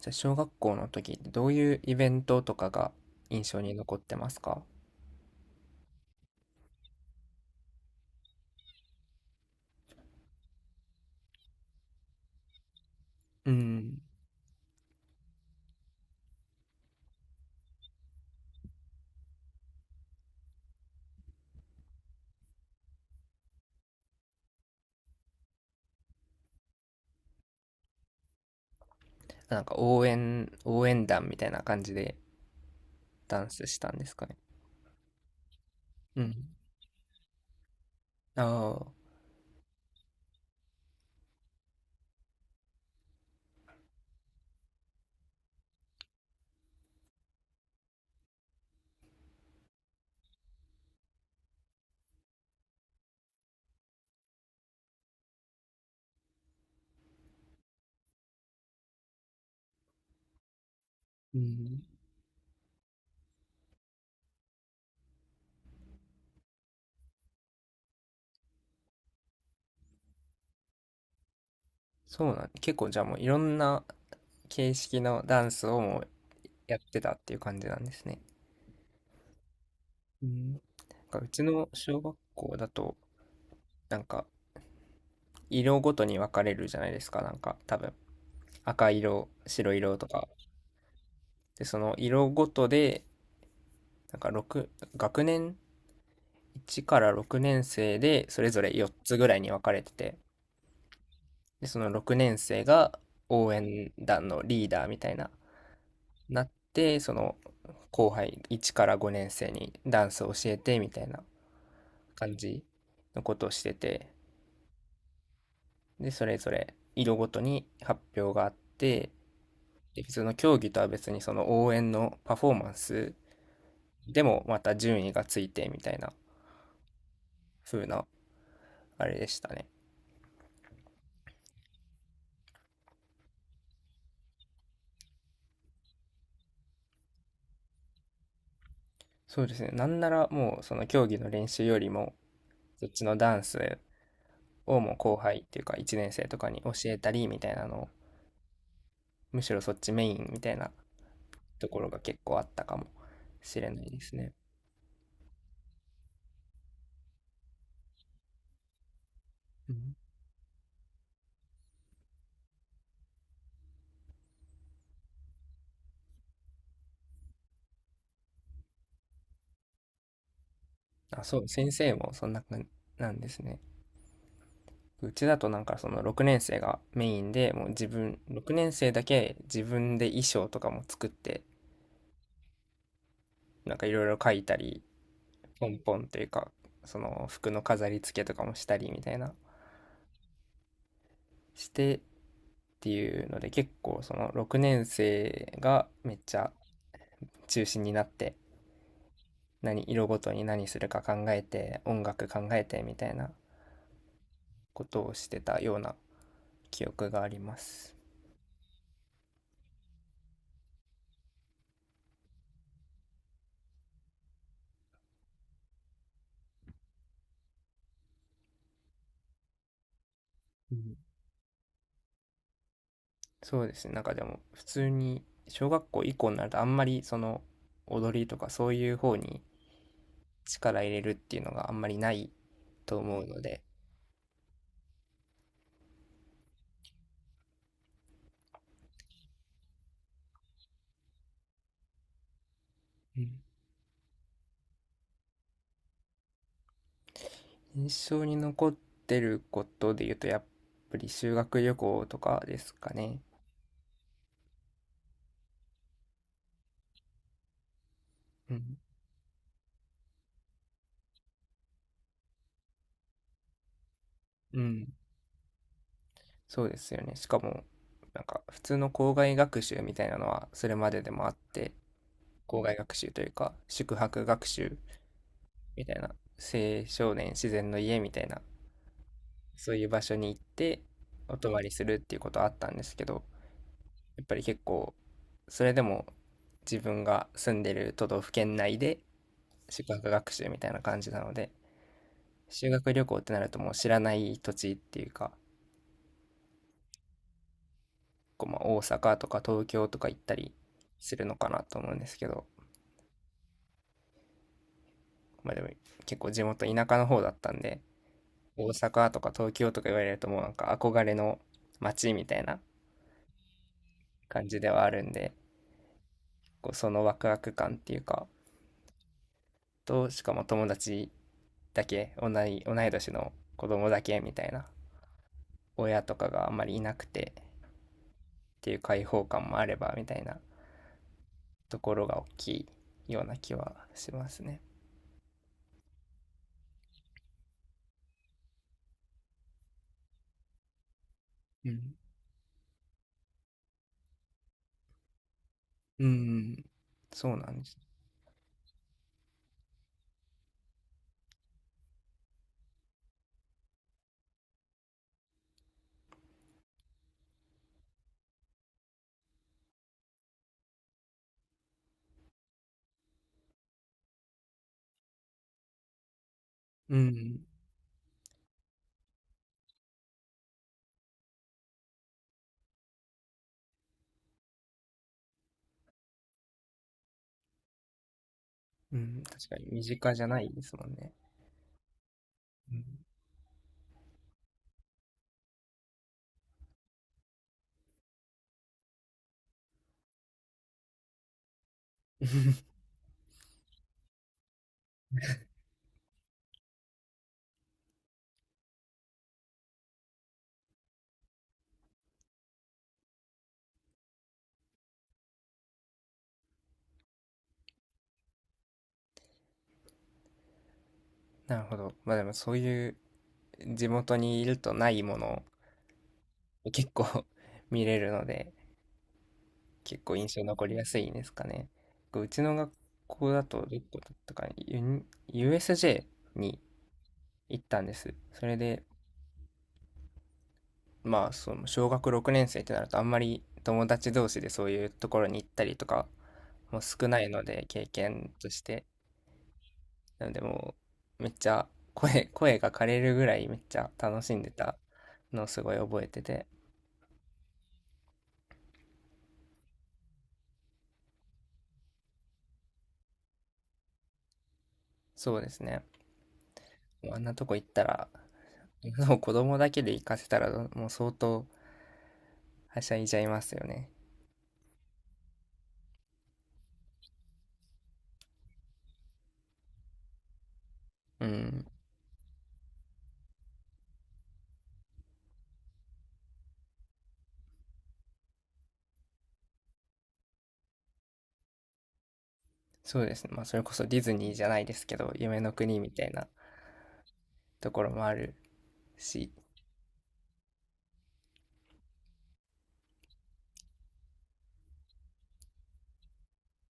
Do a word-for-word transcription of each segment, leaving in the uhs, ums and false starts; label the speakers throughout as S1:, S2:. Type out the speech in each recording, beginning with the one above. S1: じゃあ小学校の時ってどういうイベントとかが印象に残ってますか？うん。なんか応援、応援団みたいな感じでダンスしたんですかね。うん。ああ、うん。そうなん、結構じゃあもういろんな形式のダンスをもうやってたっていう感じなんですね。うん。なんかうちの小学校だと、なんか色ごとに分かれるじゃないですか、なんか多分。赤色、白色とか。で、その色ごとで、なんかろく、学年いちからろくねん生でそれぞれよっつぐらいに分かれてて、で、そのろくねん生が応援団のリーダーみたいな、なって、その後輩いちからごねん生にダンスを教えてみたいな感じのことをしてて、で、それぞれ色ごとに発表があって、で、普通の競技とは別にその応援のパフォーマンスでもまた順位がついてみたいな風なあれでしたね。そうですね。なんならもうその競技の練習よりもそっちのダンスをもう後輩っていうかいちねん生とかに教えたりみたいなのを、むしろそっちメインみたいなところが結構あったかもしれないですね。うん。あ、そう、先生もそんな感じなんですね。うちだとなんかそのろくねん生がメインで、もう自分、ろくねん生だけ自分で衣装とかも作って、なんかいろいろ書いたり、ポンポンというか、その服の飾り付けとかもしたりみたいな、してっていうので、結構そのろくねん生がめっちゃ中心になって何色ごとに何するか考えて音楽考えてみたいなことをしてたような記憶があります。うん。そうですね。なんかでも普通に小学校以降になるとあんまりその踊りとかそういう方に力入れるっていうのがあんまりないと思うので。うん。印象に残ってることで言うとやっぱり修学旅行とかですかね。うん、うん、そうですよね。しかも、なんか普通の校外学習みたいなのはそれまででもあって、校外学習というか、宿泊学習みたいな、青少年自然の家みたいな、そういう場所に行ってお泊まりするっていうことはあったんですけど、やっぱり結構、それでも自分が住んでる都道府県内で宿泊学習みたいな感じなので、修学旅行ってなるともう知らない土地っていうか、こうまあ大阪とか東京とか行ったりするのかなと思うんですけど、まあでも結構地元田舎の方だったんで、大阪とか東京とか言われるともうなんか憧れの街みたいな感じではあるんで、こうそのワクワク感っていうか、と、しかも友達だけ、同い、同い年の子供だけみたいな、親とかがあんまりいなくてっていう開放感もあればみたいなところが大きいような気はしますね。うん。うん。そうなんです。うん。うん、確かに身近じゃないですもんね。うん。 なるほど。まあでもそういう地元にいるとないものを結構 見れるので、結構印象残りやすいんですかね。うちの学校だと、どこだったかな、ユニ ユーエスジェー に行ったんです。それで、まあその小学ろくねん生ってなるとあんまり友達同士でそういうところに行ったりとかも少ないので、経験として。なのでもうめっちゃ声、声が枯れるぐらいめっちゃ楽しんでたのをすごい覚えてて。そうですね。もうあんなとこ行ったら、もう子供だけで行かせたら、もう相当はしゃいじゃいますよね。うん。そうですね。まあ、それこそディズニーじゃないですけど、夢の国みたいなところもあるし、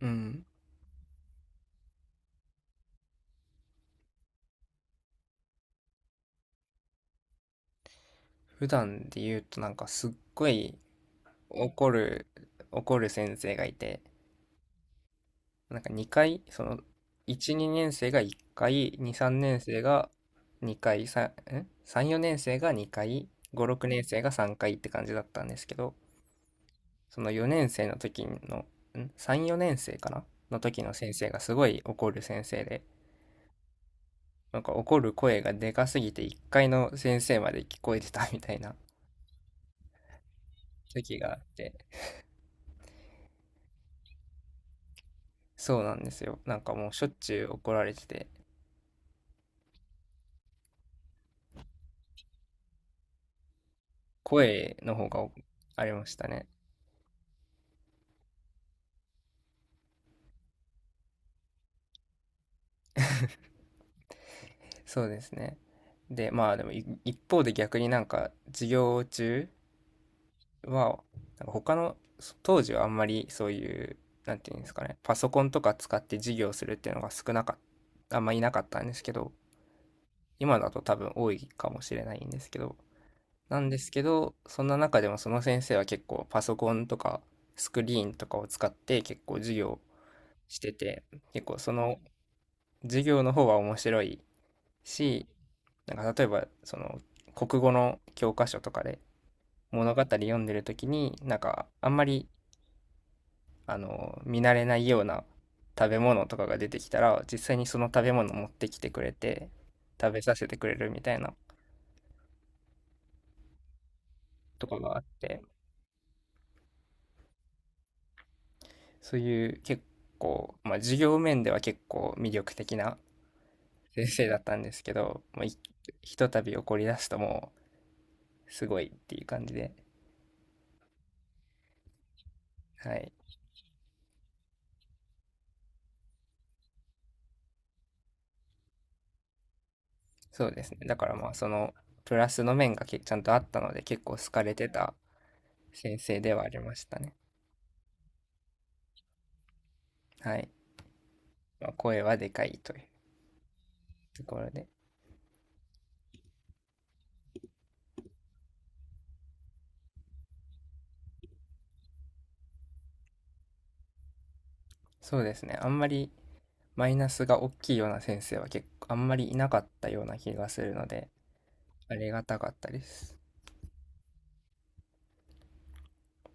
S1: うん。普段で言うと、なんかすっごい怒る、怒る先生がいて、なんかにかい、その、いち、にねん生がいっかい、に、さんねん生がにかい、さん ?さん、よねん生がにかい、ご、ろくねん生がさんかいって感じだったんですけど、そのよねん生の時の、ん ?さん、よねん生かなの時の先生がすごい怒る先生で、なんか怒る声がでかすぎていっかいの先生まで聞こえてたみたいな 時があって、そうなんですよ。なんかもうしょっちゅう怒られてて、声の方がありましたね。そうですね。で、まあでもい一方で逆になんか授業中、は、なんか他の、当時はあんまりそういう、なんていうんですかね、パソコンとか使って授業するっていうのが少なかった、あんまいなかったんですけど、今だと多分多いかもしれないんですけど、なんですけど、そんな中でもその先生は結構パソコンとかスクリーンとかを使って結構授業してて、結構その授業の方が面白いし、なんか例えばその国語の教科書とかで物語読んでる時になんかあんまりあの見慣れないような食べ物とかが出てきたら実際にその食べ物持ってきてくれて食べさせてくれるみたいなとかがあって、そういう結構、まあ、授業面では結構魅力的な先生だったんですけど、もういひとたび怒り出すともうすごいっていう感じで、はい、そうですね。だからまあそのプラスの面がけちゃんとあったので結構好かれてた先生ではありましたね。はい、まあ、声はでかいというところで。そうですね。あんまりマイナスが大きいような先生は結構あんまりいなかったような気がするので、ありがたかったです。